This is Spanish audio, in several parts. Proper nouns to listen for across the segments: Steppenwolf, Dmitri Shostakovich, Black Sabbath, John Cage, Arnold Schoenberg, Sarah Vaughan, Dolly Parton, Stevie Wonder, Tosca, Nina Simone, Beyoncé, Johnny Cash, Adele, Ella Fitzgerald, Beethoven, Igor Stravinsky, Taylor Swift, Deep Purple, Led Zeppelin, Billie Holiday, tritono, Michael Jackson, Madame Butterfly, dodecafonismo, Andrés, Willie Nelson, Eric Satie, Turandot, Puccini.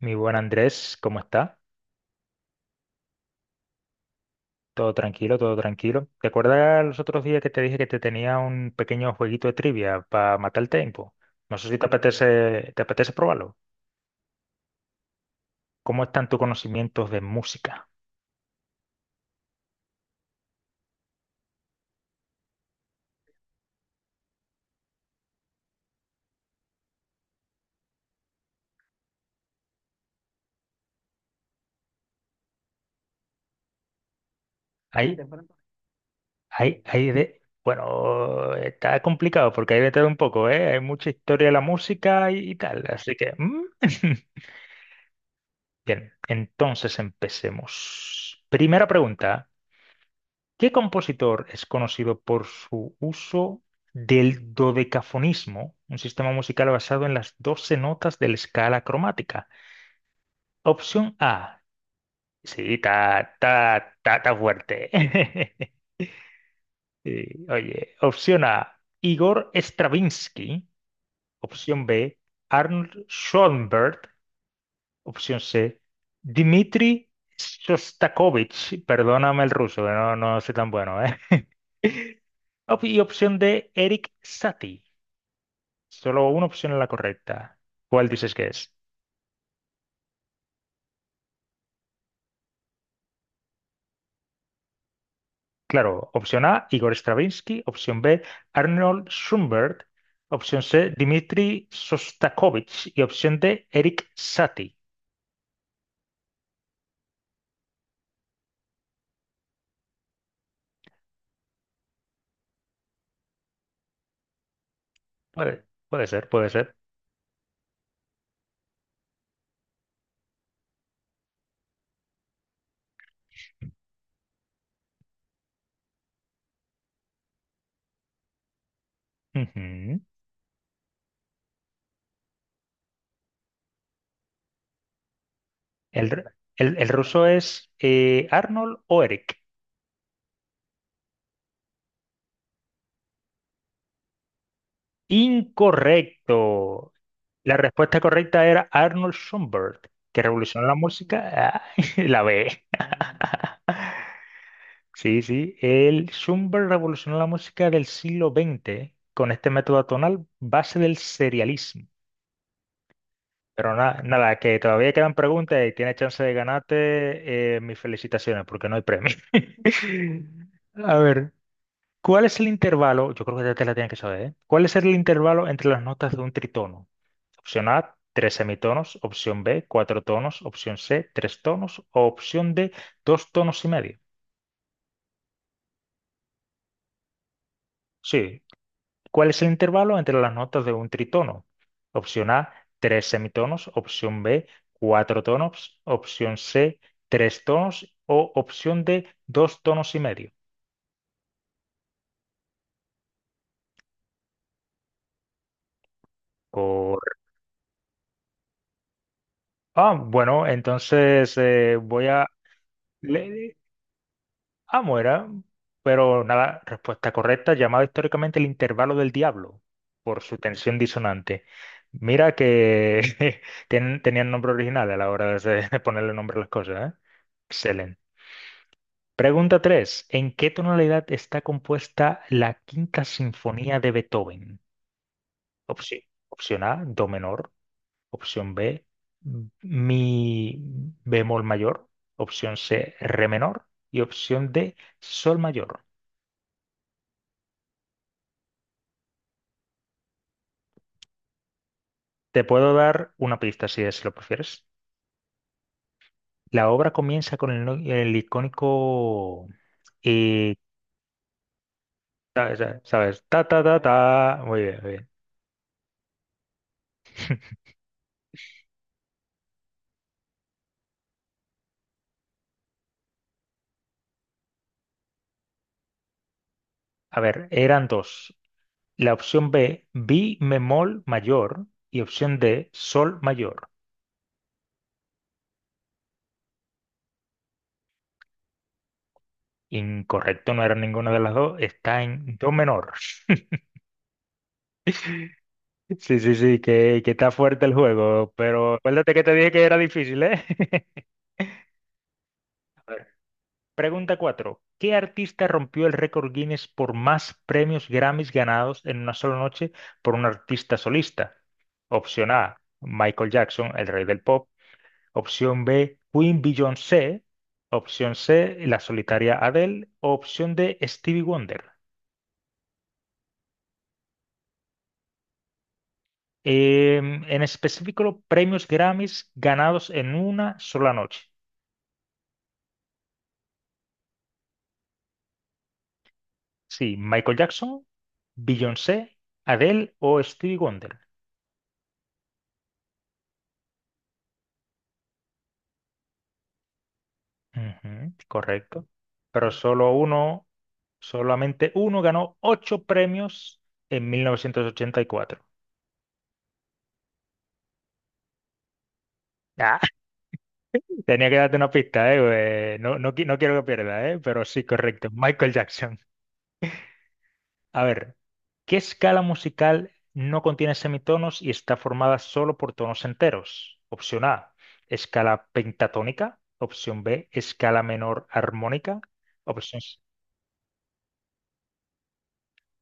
Mi buen Andrés, ¿cómo está? Todo tranquilo, todo tranquilo. ¿Te acuerdas los otros días que te dije que te tenía un pequeño jueguito de trivia para matar el tiempo? No sé si te apetece probarlo. ¿Cómo están tus conocimientos de música? Sí. Ahí de... Bueno, está complicado porque hay de todo un poco, ¿eh? Hay mucha historia de la música y tal, así que Bien, entonces empecemos. Primera pregunta. ¿Qué compositor es conocido por su uso del dodecafonismo, un sistema musical basado en las 12 notas de la escala cromática? Opción A. Sí, ta, ta, ta, ta fuerte. Sí, oye, opción A, Igor Stravinsky. Opción B, Arnold Schoenberg. Opción C, Dmitri Shostakovich. Perdóname el ruso, no, no soy tan bueno, ¿eh? Y opción D, Eric Satie. Solo una opción es la correcta. ¿Cuál dices que es? Claro, opción A, Igor Stravinsky. Opción B, Arnold Schoenberg. Opción C, Dmitri Sostakovich. Y opción D, Eric Satie. Puede ser, puede ser. Ujú. El, r- el ruso es Arnold o Eric. Incorrecto. La respuesta correcta era Arnold Schoenberg, que revolucionó la música. Ah, la B. Sí, sí. El Schubert revolucionó la música del siglo XX con este método atonal base del serialismo. Pero na- nada, que todavía quedan preguntas y tienes chance de ganarte, mis felicitaciones porque no hay premio. A ver, ¿cuál es el intervalo? Yo creo que ya te la tienen que saber, ¿eh? ¿Cuál es el intervalo entre las notas de un tritono? Opción A, tres semitonos. Opción B, cuatro tonos. Opción C, tres tonos. O opción D, dos tonos y medio. Sí, ¿cuál es el intervalo entre las notas de un tritono? Opción A, tres semitonos. Opción B, cuatro tonos. Opción C, tres tonos. O opción D, dos tonos y medio. Correcto. Ah, bueno, entonces voy a... le- le- Ah, muera. Pero nada, respuesta correcta, llamado históricamente el intervalo del diablo por su tensión disonante. Mira que tenían nombre original a la hora de ponerle nombre a las cosas, ¿eh? Excelente. Pregunta 3: ¿en qué tonalidad está compuesta la Quinta Sinfonía de Beethoven? Opción, opción A, do menor. Opción B, mi bemol mayor. Opción C, re menor. Y opción D, sol mayor. Te puedo dar una pista si es- si lo prefieres. La obra comienza con el, no- el icónico... eh, ta- ta- ¿sabes? Ta, ta, ta, ta. Muy bien, muy bien. A ver, eran dos. La opción B, mi bemol mayor, y opción D, sol mayor. Incorrecto, no era ninguna de las dos, está en do menor. Sí, sí, sí, que está fuerte el juego, pero acuérdate que te dije que era difícil, ¿eh? A ver, pregunta 4. ¿Qué artista rompió el récord Guinness por más premios Grammys ganados en una sola noche por un artista solista? Opción A, Michael Jackson, el rey del pop. Opción B, Queen Beyoncé. Opción C, la solitaria Adele. Opción D, Stevie Wonder. En específico, los premios Grammys ganados en una sola noche. Sí, Michael Jackson, Beyoncé, Adele o Stevie Wonder. Ujú, correcto. Pero solo uno, solamente uno ganó ocho premios en 1984. Tenía que darte una pista, ¿eh? No, no, no quiero que pierda, ¿eh? Pero sí, correcto. Michael Jackson. A ver, ¿qué escala musical no contiene semitonos y está formada solo por tonos enteros? Opción A, escala pentatónica. Opción B, escala menor armónica. Opción C,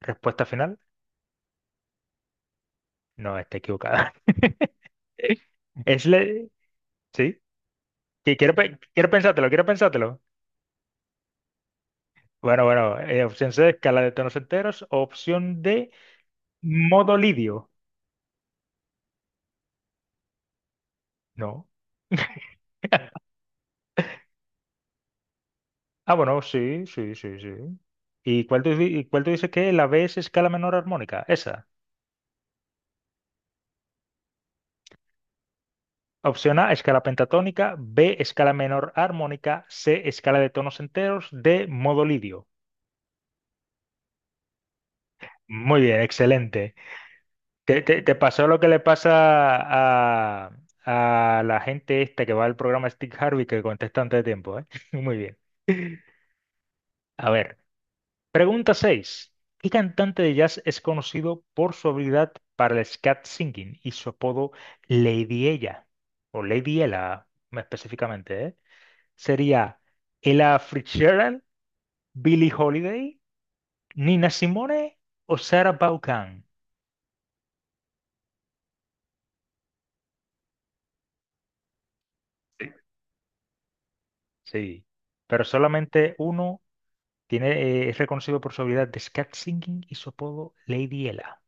respuesta final. No, está equivocada. Es le... ¿Sí? Que quiero pensártelo, quiero pensártelo. Bueno, bueno, opción C, escala de tonos enteros. Opción D, modo lidio. No. Ah, bueno, sí, sí, sí, sí. ¿Y cuál tú, y cuál tú dices que la B es escala menor armónica? Esa. Opción A, escala pentatónica. B, escala menor armónica. C, escala de tonos enteros. D, modo lidio. Muy bien, excelente. ¿Te pasó lo que le pasa a, a la gente esta que va al programa Stick Harvey, que contesta antes de tiempo, ¿eh? Muy bien. A ver. Pregunta 6: ¿qué cantante de jazz es conocido por su habilidad para el scat singing y su apodo Lady Ella? O Lady Ella, más específicamente, ¿eh? ¿Sería Ella Fitzgerald, Billie Holiday, Nina Simone o Sarah Vaughan? Sí, pero solamente uno tiene, es reconocido por su habilidad de scat singing y su apodo Lady Ella.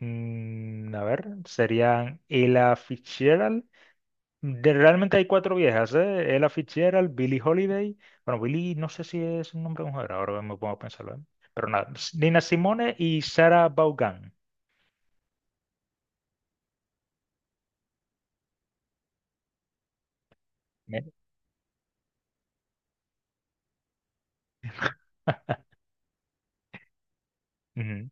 Mm, a ver, ¿serían Ella Fitzgerald? De- realmente hay cuatro viejas, ¿eh? Ella Fitzgerald, Billie Holiday. Bueno, Billie no sé si es un nombre de mujer, ahora me pongo a pensarlo, ¿eh? Pero nada, Nina Simone y Sarah Vaughan. Me- Ujú.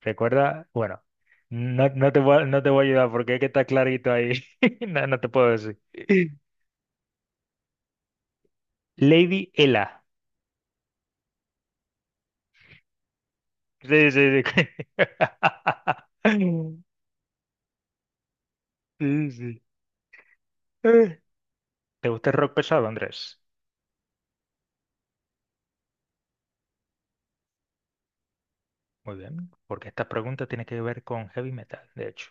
Recuerda, bueno, no, no te voy a, no te voy a ayudar porque es que está clarito ahí. No, no te puedo decir. Lady Ella. Sí, sí, sí. Sí, sí. Eh. ¿Te gusta el rock pesado, Andrés? Muy bien, porque esta pregunta tiene que ver con heavy metal, de hecho.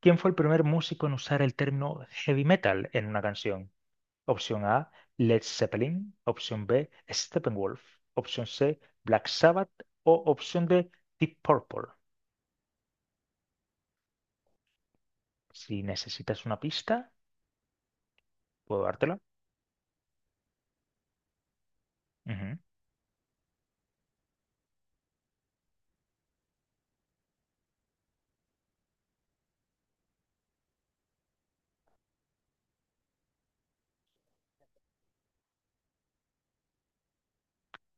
¿Quién fue el primer músico en usar el término heavy metal en una canción? Opción A, Led Zeppelin. Opción B, Steppenwolf. Opción C, Black Sabbath. O opción D, Deep Purple. Si necesitas una pista, puedo dártela. Ujú.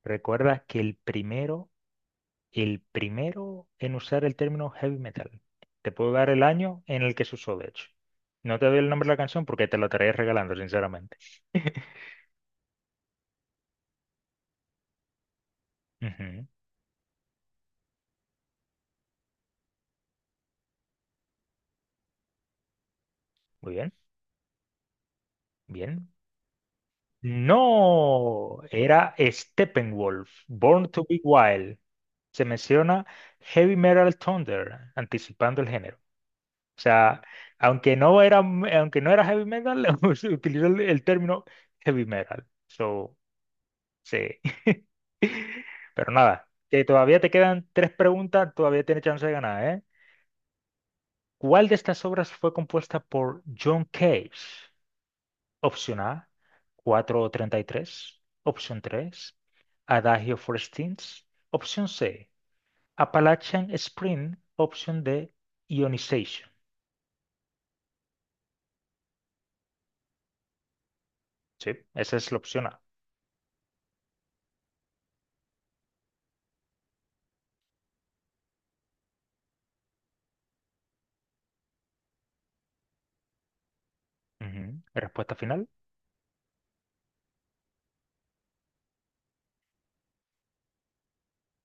Recuerda que el primero en usar el término heavy metal. Te puedo dar el año en el que se usó, de hecho. No te doy el nombre de la canción porque te la estaré regalando, sinceramente. Ujú. Muy bien, bien. No, era Steppenwolf, Born to Be Wild. Se menciona Heavy Metal Thunder, anticipando el género. O sea, aunque no era heavy metal, se utilizó el término heavy metal. So, sí. Pero nada, que todavía te quedan tres preguntas, todavía tienes chance de ganar, ¿eh? ¿Cuál de estas obras fue compuesta por John Cage? Opción A, 433. Opción 3. Adagio Forestines. Opción C, Appalachian Spring. Opción D, Ionization. Sí, esa es la opción A. Ujú. Respuesta final.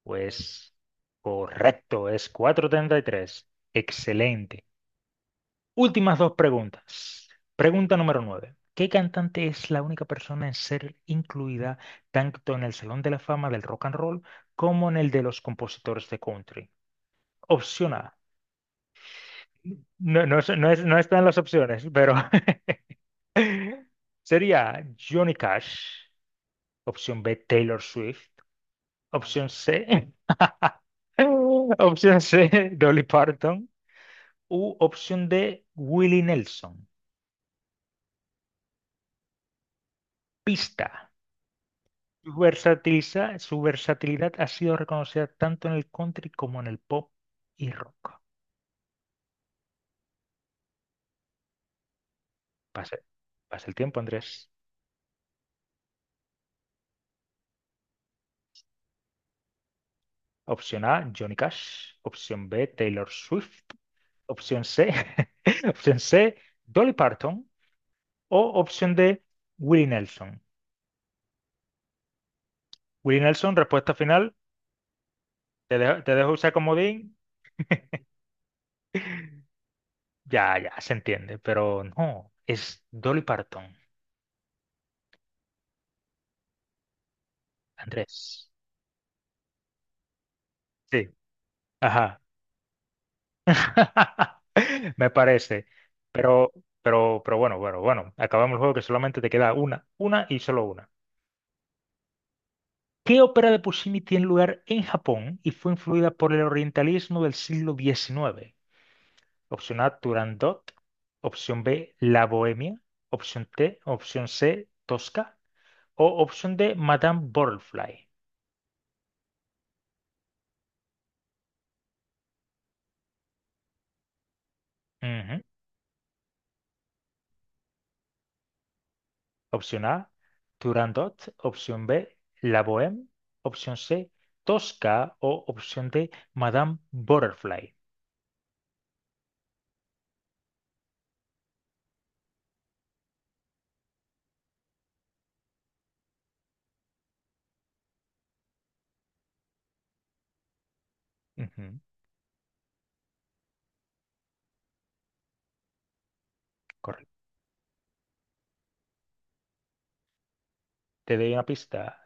Pues correcto, es 433. Excelente. Últimas dos preguntas. Pregunta número nueve. ¿Qué cantante es la única persona en ser incluida tanto en el Salón de la Fama del Rock and Roll como en el de los compositores de country? Opción A. No, no, es- no, es- no están las opciones, pero sería Johnny Cash. Opción B, Taylor Swift. Opción C, opción C, Dolly Parton. U opción D, Willie Nelson. Pista. Su versatilidad ha sido reconocida tanto en el country como en el pop y rock. Pasa, pasa el tiempo, Andrés. Opción A, Johnny Cash. Opción B, Taylor Swift. Opción C, opción C, Dolly Parton. O opción D, Willie Nelson. Willie Nelson, respuesta final. Te dejo usar comodín. Ya, ya, se entiende, pero no, es Dolly Parton, Andrés. Sí, ajá. Me parece. Pero, pero bueno, bueno, bueno. Acabamos el juego, que solamente te queda una y solo una. ¿Qué ópera de Puccini tiene lugar en Japón y fue influida por el orientalismo del siglo XIX? Opción A, Turandot. Opción B, La Bohemia. Opción C, Tosca. O opción D, Madame Butterfly. Ujú. Opción A, Turandot. Opción B, La Bohème. Opción C, Tosca. O opción D, Madame Butterfly. Ujú, correcto. Te doy una pista.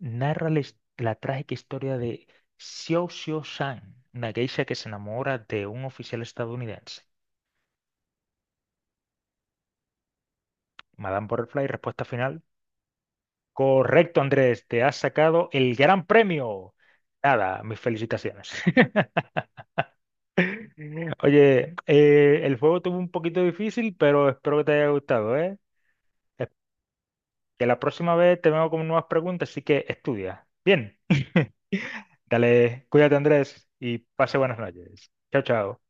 Narra la, la trágica historia de Xiao Xiao Shan, una geisha que se enamora de un oficial estadounidense. Madame Butterfly, respuesta final. Correcto, Andrés. Te has sacado el gran premio. Nada, mis felicitaciones. Oye, el juego estuvo un poquito difícil, pero espero que te haya gustado, ¿eh? Es- Que la próxima vez te vengo con nuevas preguntas, así que estudia. Bien. Dale, cuídate, Andrés, y pase buenas noches. Chao, chao.